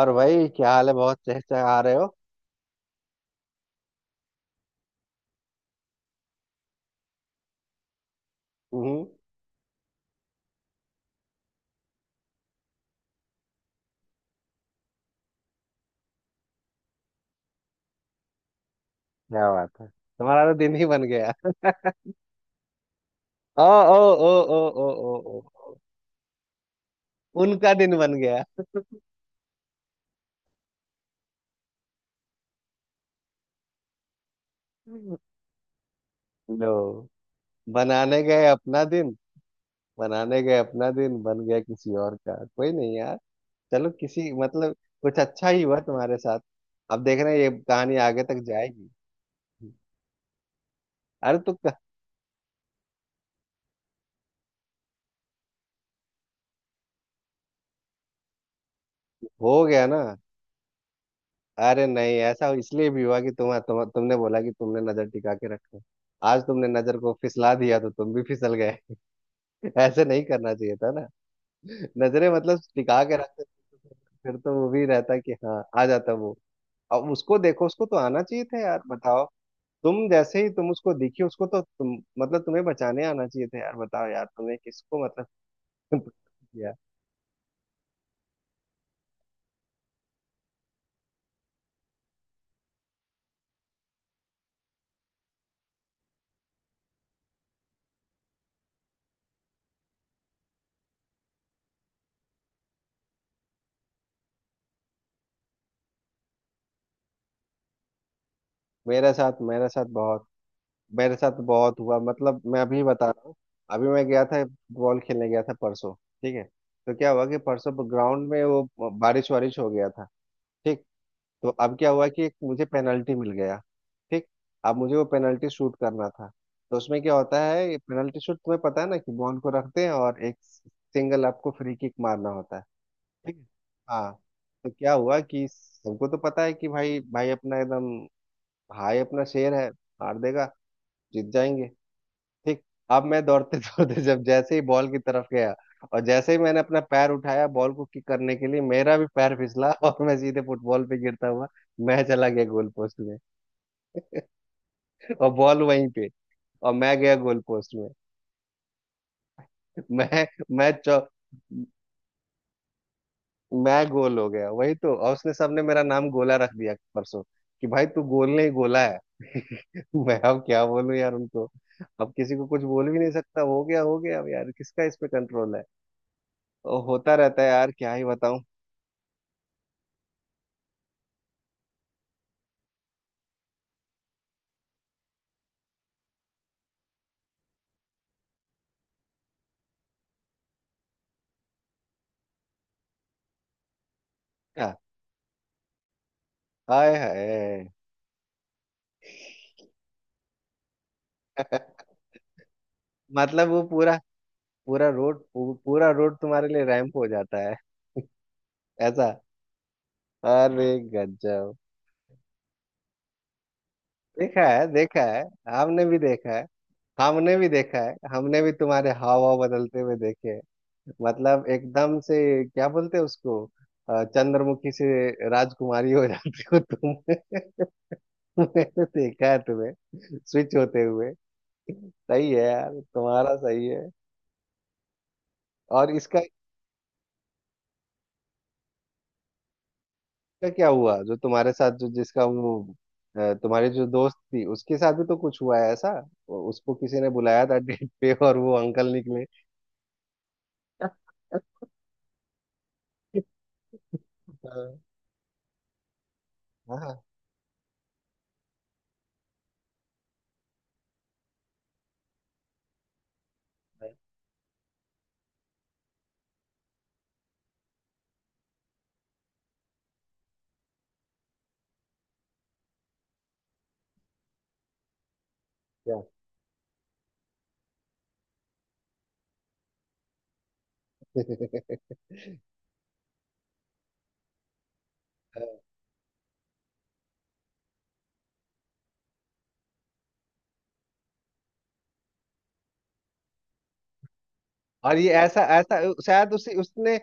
और भाई, क्या हाल है? बहुत चहचहा आ रहे हो। हम्म। क्या बात है, तुम्हारा तो दिन ही बन गया। ओ ओ ओ ओ ओ ओ ओ ओ। उनका दिन बन गया। लो, बनाने गए अपना दिन बनाने गए अपना दिन, बन गया किसी और का, कोई नहीं यार। चलो, किसी मतलब कुछ अच्छा ही हुआ तुम्हारे साथ। अब देख रहे हैं ये कहानी आगे तक जाएगी। अरे तो क- हो गया ना? अरे नहीं, ऐसा इसलिए भी हुआ कि तुमने बोला कि तुमने नजर टिका के रखो। आज तुमने नजर को फिसला दिया तो तुम भी फिसल गए। ऐसे नहीं करना चाहिए था ना। नजरे मतलब टिका के रखते, फिर तो वो भी रहता कि हाँ, आ जाता वो। अब उसको देखो, उसको तो आना चाहिए था यार, बताओ। तुम जैसे ही तुम उसको दिखी, उसको तो तुम, मतलब तुम्हें बचाने आना चाहिए था यार, बताओ यार। तुमने किसको मतलब। किया। मेरे साथ मेरे साथ बहुत मेरे साथ बहुत हुआ, मतलब मैं अभी बता रहा हूँ। अभी मैं गया था फुटबॉल खेलने, गया था परसों। ठीक है। तो क्या हुआ कि परसों ग्राउंड में वो बारिश वारिश हो गया था। ठीक। तो अब क्या हुआ कि एक मुझे पेनल्टी मिल गया। ठीक। अब मुझे वो पेनल्टी शूट करना था। तो उसमें क्या होता है, पेनल्टी शूट तुम्हें पता है ना, कि बॉल को रखते हैं और एक सिंगल आपको फ्री किक मारना होता है। ठीक है। हाँ। तो क्या हुआ कि सबको तो पता है कि भाई, भाई अपना एकदम भाई अपना शेर है, मार देगा, जीत जाएंगे। ठीक। अब मैं दौड़ते दौड़ते, जब जैसे ही बॉल की तरफ गया और जैसे ही मैंने अपना पैर उठाया बॉल को किक करने के लिए, मेरा भी पैर फिसला और मैं सीधे फुटबॉल पे गिरता हुआ, मैं चला गया गोल पोस्ट में। और बॉल वहीं पे, और मैं गया गोल पोस्ट में। मैं मैं चौ मैं गोल हो गया वही तो। और उसने सबने मेरा नाम गोला रख दिया परसों, कि भाई तू गोल नहीं गोला है। मैं अब क्या बोलूं यार उनको। अब किसी को कुछ बोल भी नहीं सकता, हो गया अब यार, किसका इस पे कंट्रोल है? और होता रहता है यार, क्या ही बताऊं। क्या? हाय हाय। मतलब वो पूरा, पूरा रोड तुम्हारे लिए रैंप हो जाता है, ऐसा? अरे गजब। देखा है, देखा है। हमने भी देखा है, हमने भी देखा है, हमने भी तुम्हारे हाव भाव बदलते हुए देखे हैं। मतलब एकदम से क्या बोलते हैं उसको, चंद्रमुखी से राजकुमारी हो जाती हो तुम। मैंने देखा है तुम्हें स्विच होते हुए। सही है यार, तुम्हारा सही है। और इसका का क्या हुआ, जो तुम्हारे साथ जो जिसका वो, तुम्हारी जो दोस्त थी उसके साथ भी तो कुछ हुआ है ऐसा। उसको किसी ने बुलाया था डेट पे और वो अंकल निकले। हाँ हाँ, क्या। और ये ऐसा ऐसा, शायद उसी उसने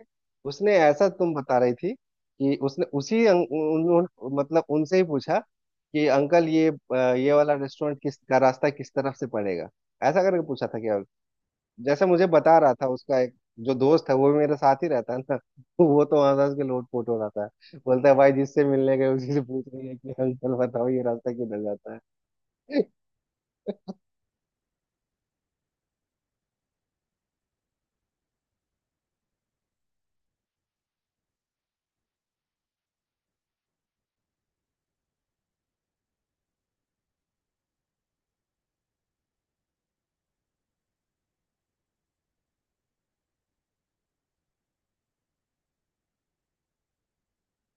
उसने ऐसा तुम बता रही थी, कि उसने उसी अं- उन, उन, मतलब उनसे ही पूछा कि अंकल ये, ये वाला रेस्टोरेंट किस का रास्ता किस तरफ से पड़ेगा, ऐसा करके पूछा था क्या? जैसे मुझे बता रहा था उसका एक, जो दोस्त है वो भी मेरे साथ ही रहता है ना, वो तो हंस हंस के लोटपोट हो रहा था। बोलता है भाई जिससे मिलने गए उसी से पूछ रही है कि अंकल बताओ ये रास्ता किधर जाता है।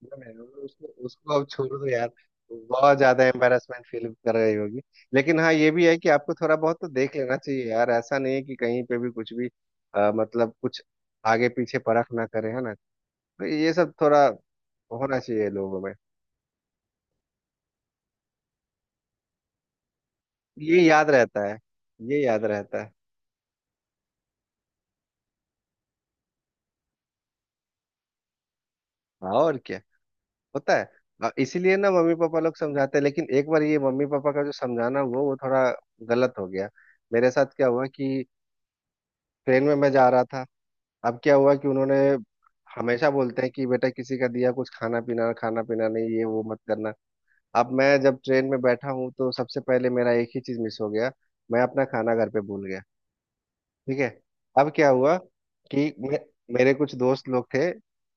मैं- उसको उसको अब छोड़ दो यार, बहुत ज्यादा एम्बेरसमेंट फील कर रही होगी। लेकिन हाँ, ये भी है कि आपको थोड़ा बहुत तो देख लेना चाहिए यार, ऐसा नहीं है कि कहीं पे भी कुछ भी, मतलब कुछ आगे पीछे परख ना करे, है ना? तो ये सब थोड़ा होना चाहिए लोगों में। ये याद रहता है, ये याद रहता है। हाँ और क्या होता है। इसीलिए ना मम्मी पापा लोग समझाते हैं। लेकिन एक बार ये मम्मी पापा का जो समझाना हुआ वो थोड़ा गलत हो गया। मेरे साथ क्या हुआ कि ट्रेन में मैं जा रहा था। अब क्या हुआ कि उन्होंने हमेशा बोलते हैं कि बेटा किसी का दिया कुछ खाना पीना, खाना पीना नहीं, ये वो मत करना। अब मैं जब ट्रेन में बैठा हूँ तो सबसे पहले मेरा एक ही चीज मिस हो गया, मैं अपना खाना घर पे भूल गया। ठीक है। अब क्या हुआ कि मेरे कुछ दोस्त लोग थे,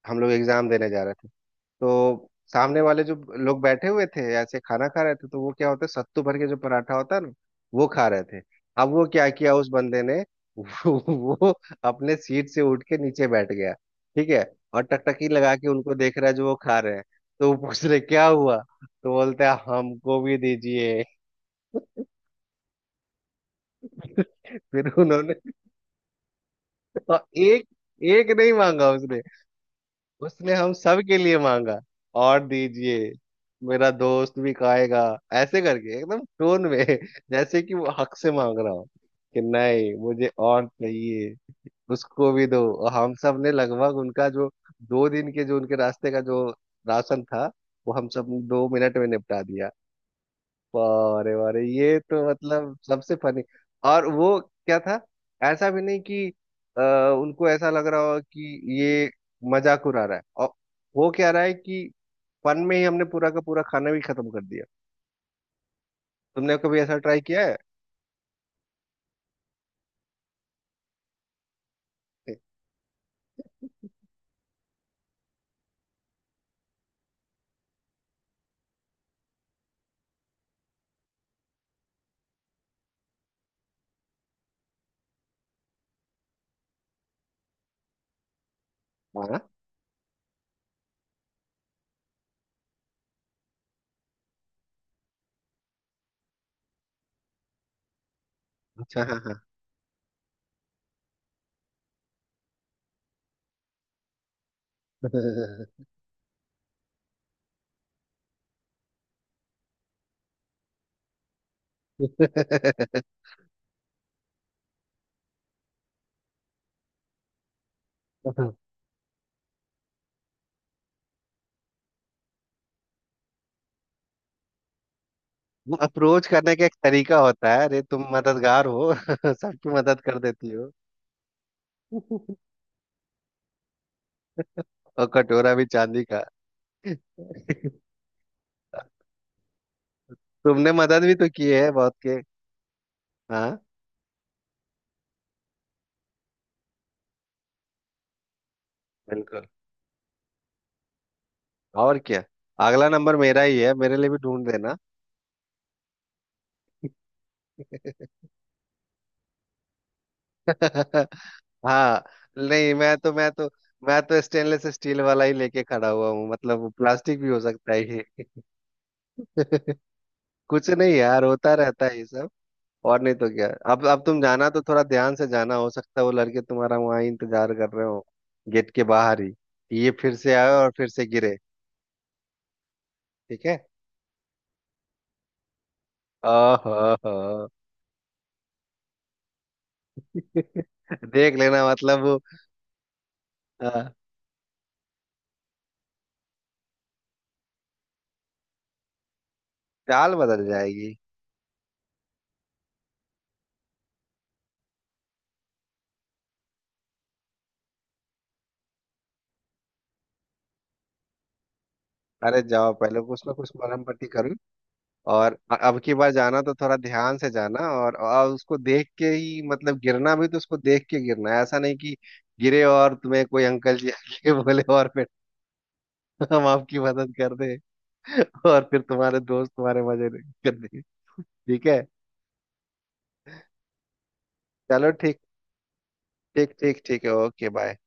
हम लोग एग्जाम देने जा रहे थे। तो सामने वाले जो लोग बैठे हुए थे ऐसे खाना खा रहे थे, तो वो क्या होता है सत्तू भर के जो पराठा होता है ना, वो खा रहे थे। अब वो क्या किया उस बंदे ने, वो अपने सीट से उठ के नीचे बैठ गया। ठीक है। और टकटकी लगा के उनको देख रहा है जो वो खा रहे हैं। तो वो पूछ रहे क्या हुआ, तो बोलते हैं हमको भी दीजिए। फिर उन्होंने, और एक एक नहीं मांगा उसने, उसने हम सब के लिए मांगा। और दीजिए मेरा दोस्त भी खाएगा, ऐसे करके एकदम टोन में जैसे कि वो हक से मांग रहा हो कि नहीं, मुझे और चाहिए, उसको भी दो। और हम सब ने लगभग उनका जो 2 दिन के जो उनके रास्ते का जो राशन था, वो हम सब 2 मिनट में निपटा दिया। अरे अरे, ये तो मतलब सबसे फनी। और वो क्या था, ऐसा भी नहीं कि अ, उनको ऐसा लग रहा हो कि ये मजाक उड़ा रहा है। और वो क्या रहा है कि फन में ही हमने पूरा का पूरा खाना भी खत्म कर दिया। तुमने कभी ऐसा ट्राई किया है? हाँ अच्छा, हाँ हाँ। वो अप्रोच करने का एक तरीका होता है। अरे तुम मददगार हो, सबकी मदद कर देती हो। और कटोरा भी चांदी का। तुमने मदद भी तो की है बहुत, हाँ बिल्कुल, और क्या। अगला नंबर मेरा ही है, मेरे लिए भी ढूंढ देना। हाँ। नहीं, मैं तो स्टेनलेस स्टील वाला ही लेके खड़ा हुआ हूँ, मतलब प्लास्टिक भी हो सकता है ये। कुछ नहीं यार, होता रहता है ये सब। और नहीं तो क्या। अब तुम जाना तो थोड़ा ध्यान से जाना, हो सकता है वो लड़के तुम्हारा वहां इंतजार कर रहे हो गेट के बाहर ही, ये फिर से आए और फिर से गिरे। ठीक है। ओहो। देख लेना, मतलब वो, अ, चाल बदल जाएगी। अरे जाओ पहले कुछ ना कुछ मरहम पट्टी करूँ। और अब की बार जाना तो थोड़ा ध्यान से जाना, और उसको देख के ही, मतलब गिरना भी तो उसको देख के गिरना है। ऐसा नहीं कि गिरे और तुम्हें कोई अंकल जी आके बोले और फिर, हम आपकी मदद कर दे। और फिर तुम्हारे दोस्त तुम्हारे मजे कर दे। ठीक है, चलो ठीक, ठीक, ठीक, ठीक है। Okay bye.